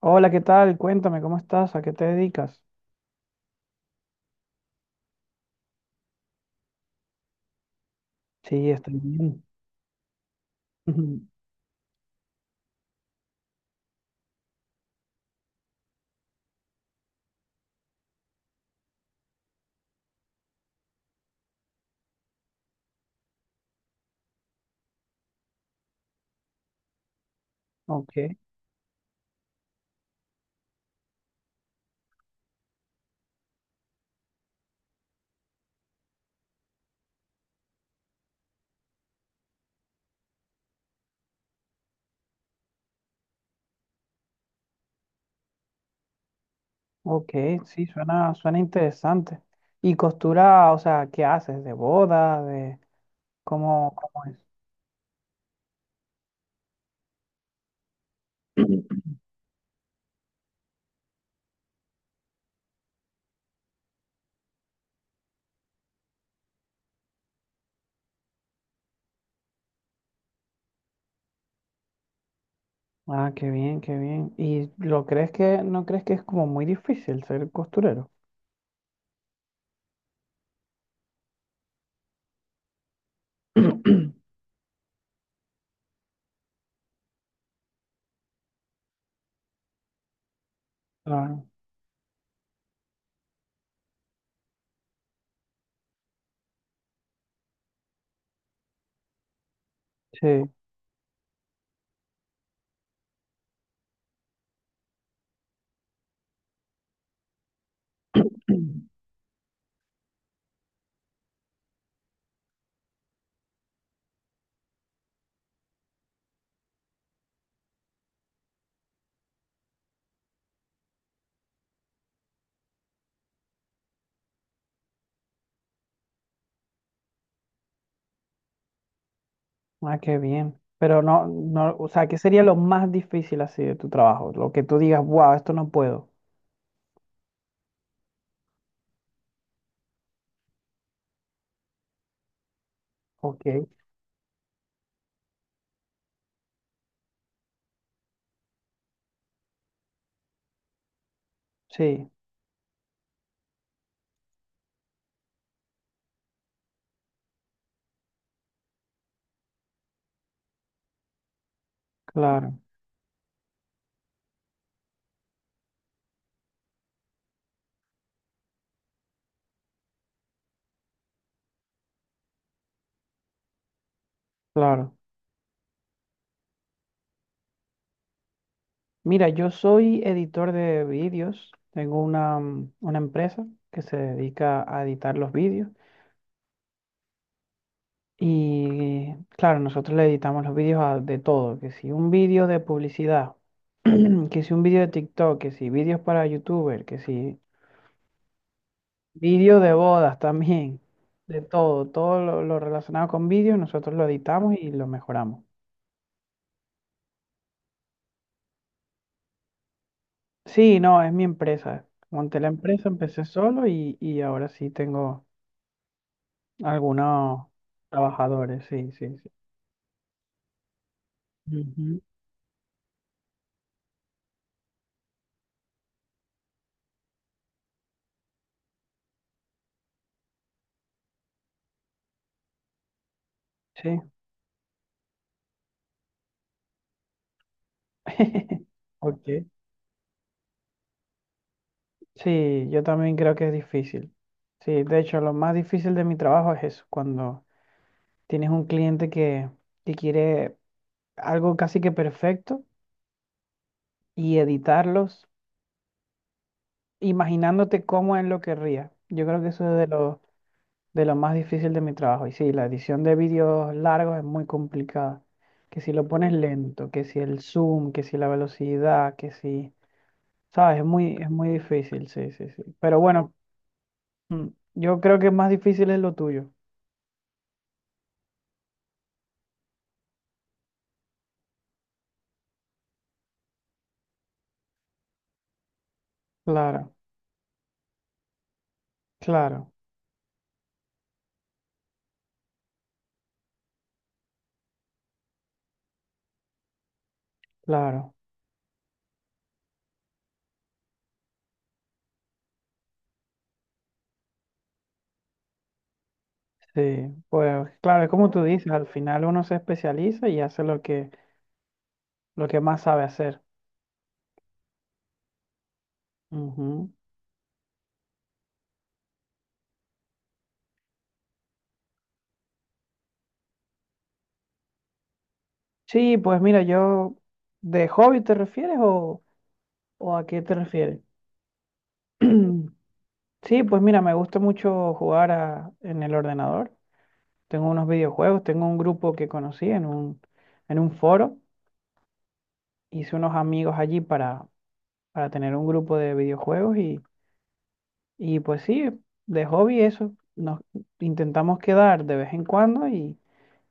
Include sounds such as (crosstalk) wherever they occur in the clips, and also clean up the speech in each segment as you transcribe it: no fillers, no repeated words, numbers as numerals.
Hola, ¿qué tal? Cuéntame, ¿cómo estás? ¿A qué te dedicas? Sí, estoy bien. (laughs) Ok, ok, sí, suena interesante. ¿Y costura, o sea, qué haces? ¿De boda? ¿De cómo es? Ah, qué bien, qué bien. ¿Y lo crees que, no crees que es como muy difícil ser costurero? (clears throat) Claro, sí. (clears throat) Ah, qué bien. Pero no, no, o sea, ¿qué sería lo más difícil así de tu trabajo? Lo que tú digas, wow, esto no puedo. Ok, sí, claro, claro. Mira, yo soy editor de vídeos. Tengo una, una empresa que se dedica a editar los vídeos. Y claro, nosotros le editamos los vídeos a- de todo. Que si un vídeo de publicidad, (clears throat) que si un vídeo de TikTok, que si vídeos para YouTuber, que si vídeo de bodas también. De todo, todo lo relacionado con vídeos, nosotros lo editamos y lo mejoramos. Sí, no, es mi empresa. Monté la empresa, empecé solo y ahora sí tengo... Algunos trabajadores, sí, sí, sí. Ujú. Sí. (laughs) Ok. Sí, yo también creo que es difícil. Sí, de hecho, lo más difícil de mi trabajo es eso, cuando tienes un cliente que quiere algo casi que perfecto y editarlos, imaginándote cómo él lo querría. Yo creo que eso es de lo más difícil de mi trabajo. Y sí, la edición de vídeos largos es muy complicada. Que si lo pones lento, que si el zoom, que si la velocidad, que si... ¿Sabes? Es muy difícil, sí, sí, sí. Pero bueno, mm, yo creo que más difícil es lo tuyo. Claro, claro, claro. Sí, pues claro, es como tú dices, al final uno se especializa y hace lo que más sabe hacer. Ujú. Sí, pues mira, yo, ¿de hobby te refieres o a qué te refieres? (clears throat) Sí, pues mira, me gusta mucho jugar a- en el ordenador. Tengo unos videojuegos, tengo un grupo que conocí en un foro, hice unos amigos allí para tener un grupo de videojuegos y pues sí, de hobby eso, nos intentamos quedar de vez en cuando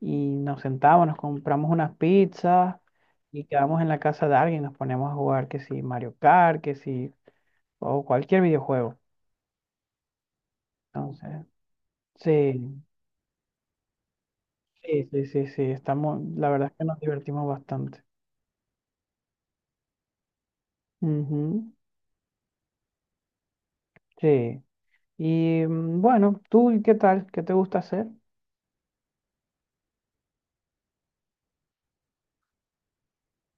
y nos sentamos, nos compramos unas pizzas y quedamos en la casa de alguien, nos ponemos a jugar que si Mario Kart, que si, o cualquier videojuego. Entonces, sí, sí, sí, sí, sí, estamos, la verdad es que nos divertimos bastante. Ujú, sí. Y bueno, ¿tú qué tal? ¿Qué te gusta hacer?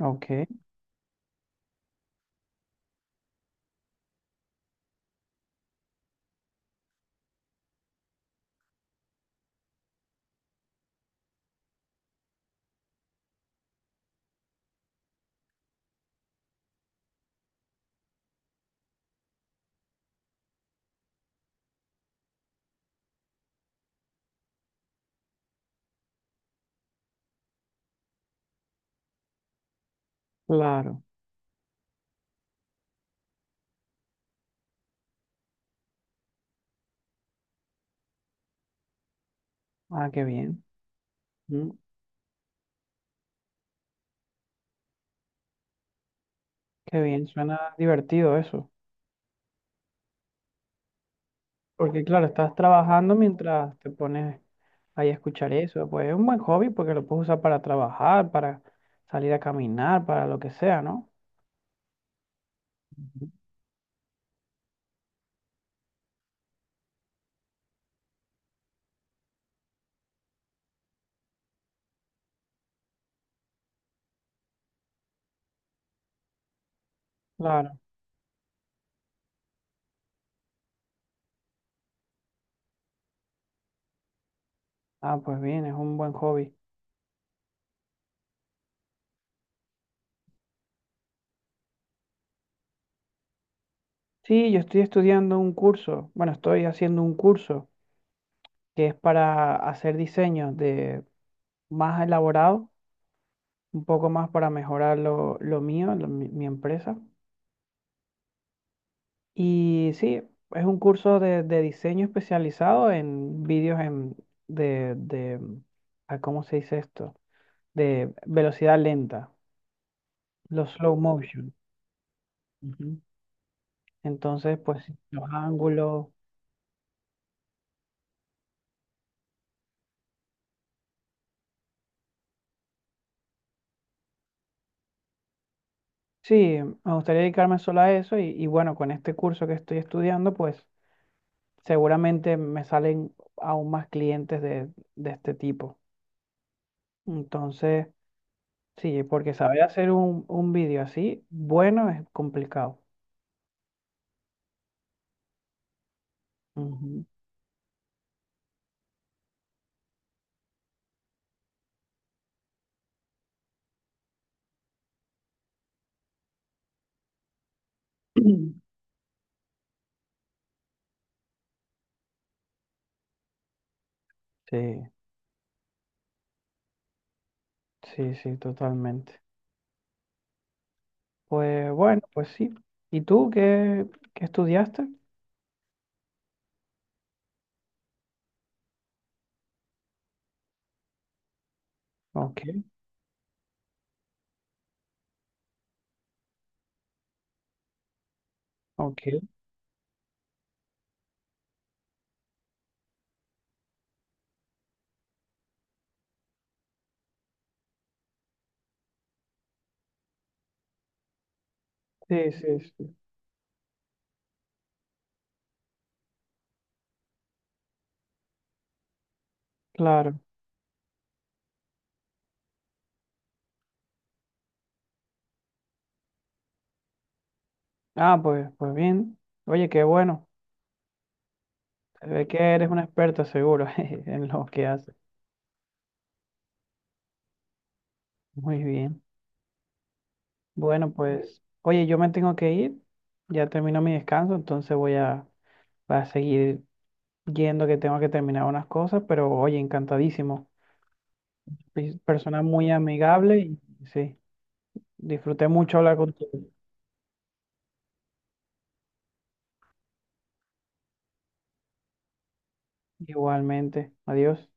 Ok, claro. Ah, qué bien. Qué bien, suena divertido eso. Porque claro, estás trabajando mientras te pones ahí a escuchar eso. Pues es un buen hobby porque lo puedes usar para trabajar, para salir a caminar, para lo que sea, ¿no? Ujú. Claro. Ah, pues bien, es un buen hobby. Sí, yo estoy estudiando un curso, bueno, estoy haciendo un curso que es para hacer diseños de más elaborados, un poco más para mejorar lo mío, lo- mi empresa. Y sí, es un curso de diseño especializado en vídeos en, de, ah, ¿cómo se dice esto? De velocidad lenta, los slow motion. Ujú. Entonces, pues sí, los ángulos. Sí, me gustaría dedicarme solo a eso y bueno, con este curso que estoy estudiando, pues seguramente me salen aún más clientes de este tipo. Entonces, sí, porque saber hacer un vídeo así, bueno, es complicado. Ujú. (clears throat) Sí, sí, sí, totalmente. Pues bueno, pues sí. ¿Y tú qué, qué estudiaste? Ok, ok. Sí, sí, sí. Claro. Ah, pues, pues bien. Oye, qué bueno. Se ve que eres una experta seguro (laughs) jeje, en lo que haces. Muy bien. Bueno, pues, oye, yo me tengo que ir. Ya terminó mi descanso, entonces voy a, voy a seguir yendo que tengo que terminar unas cosas, pero oye, encantadísimo. Pe- Persona muy amigable y sí. Disfruté mucho hablar contigo. Igualmente. Adiós.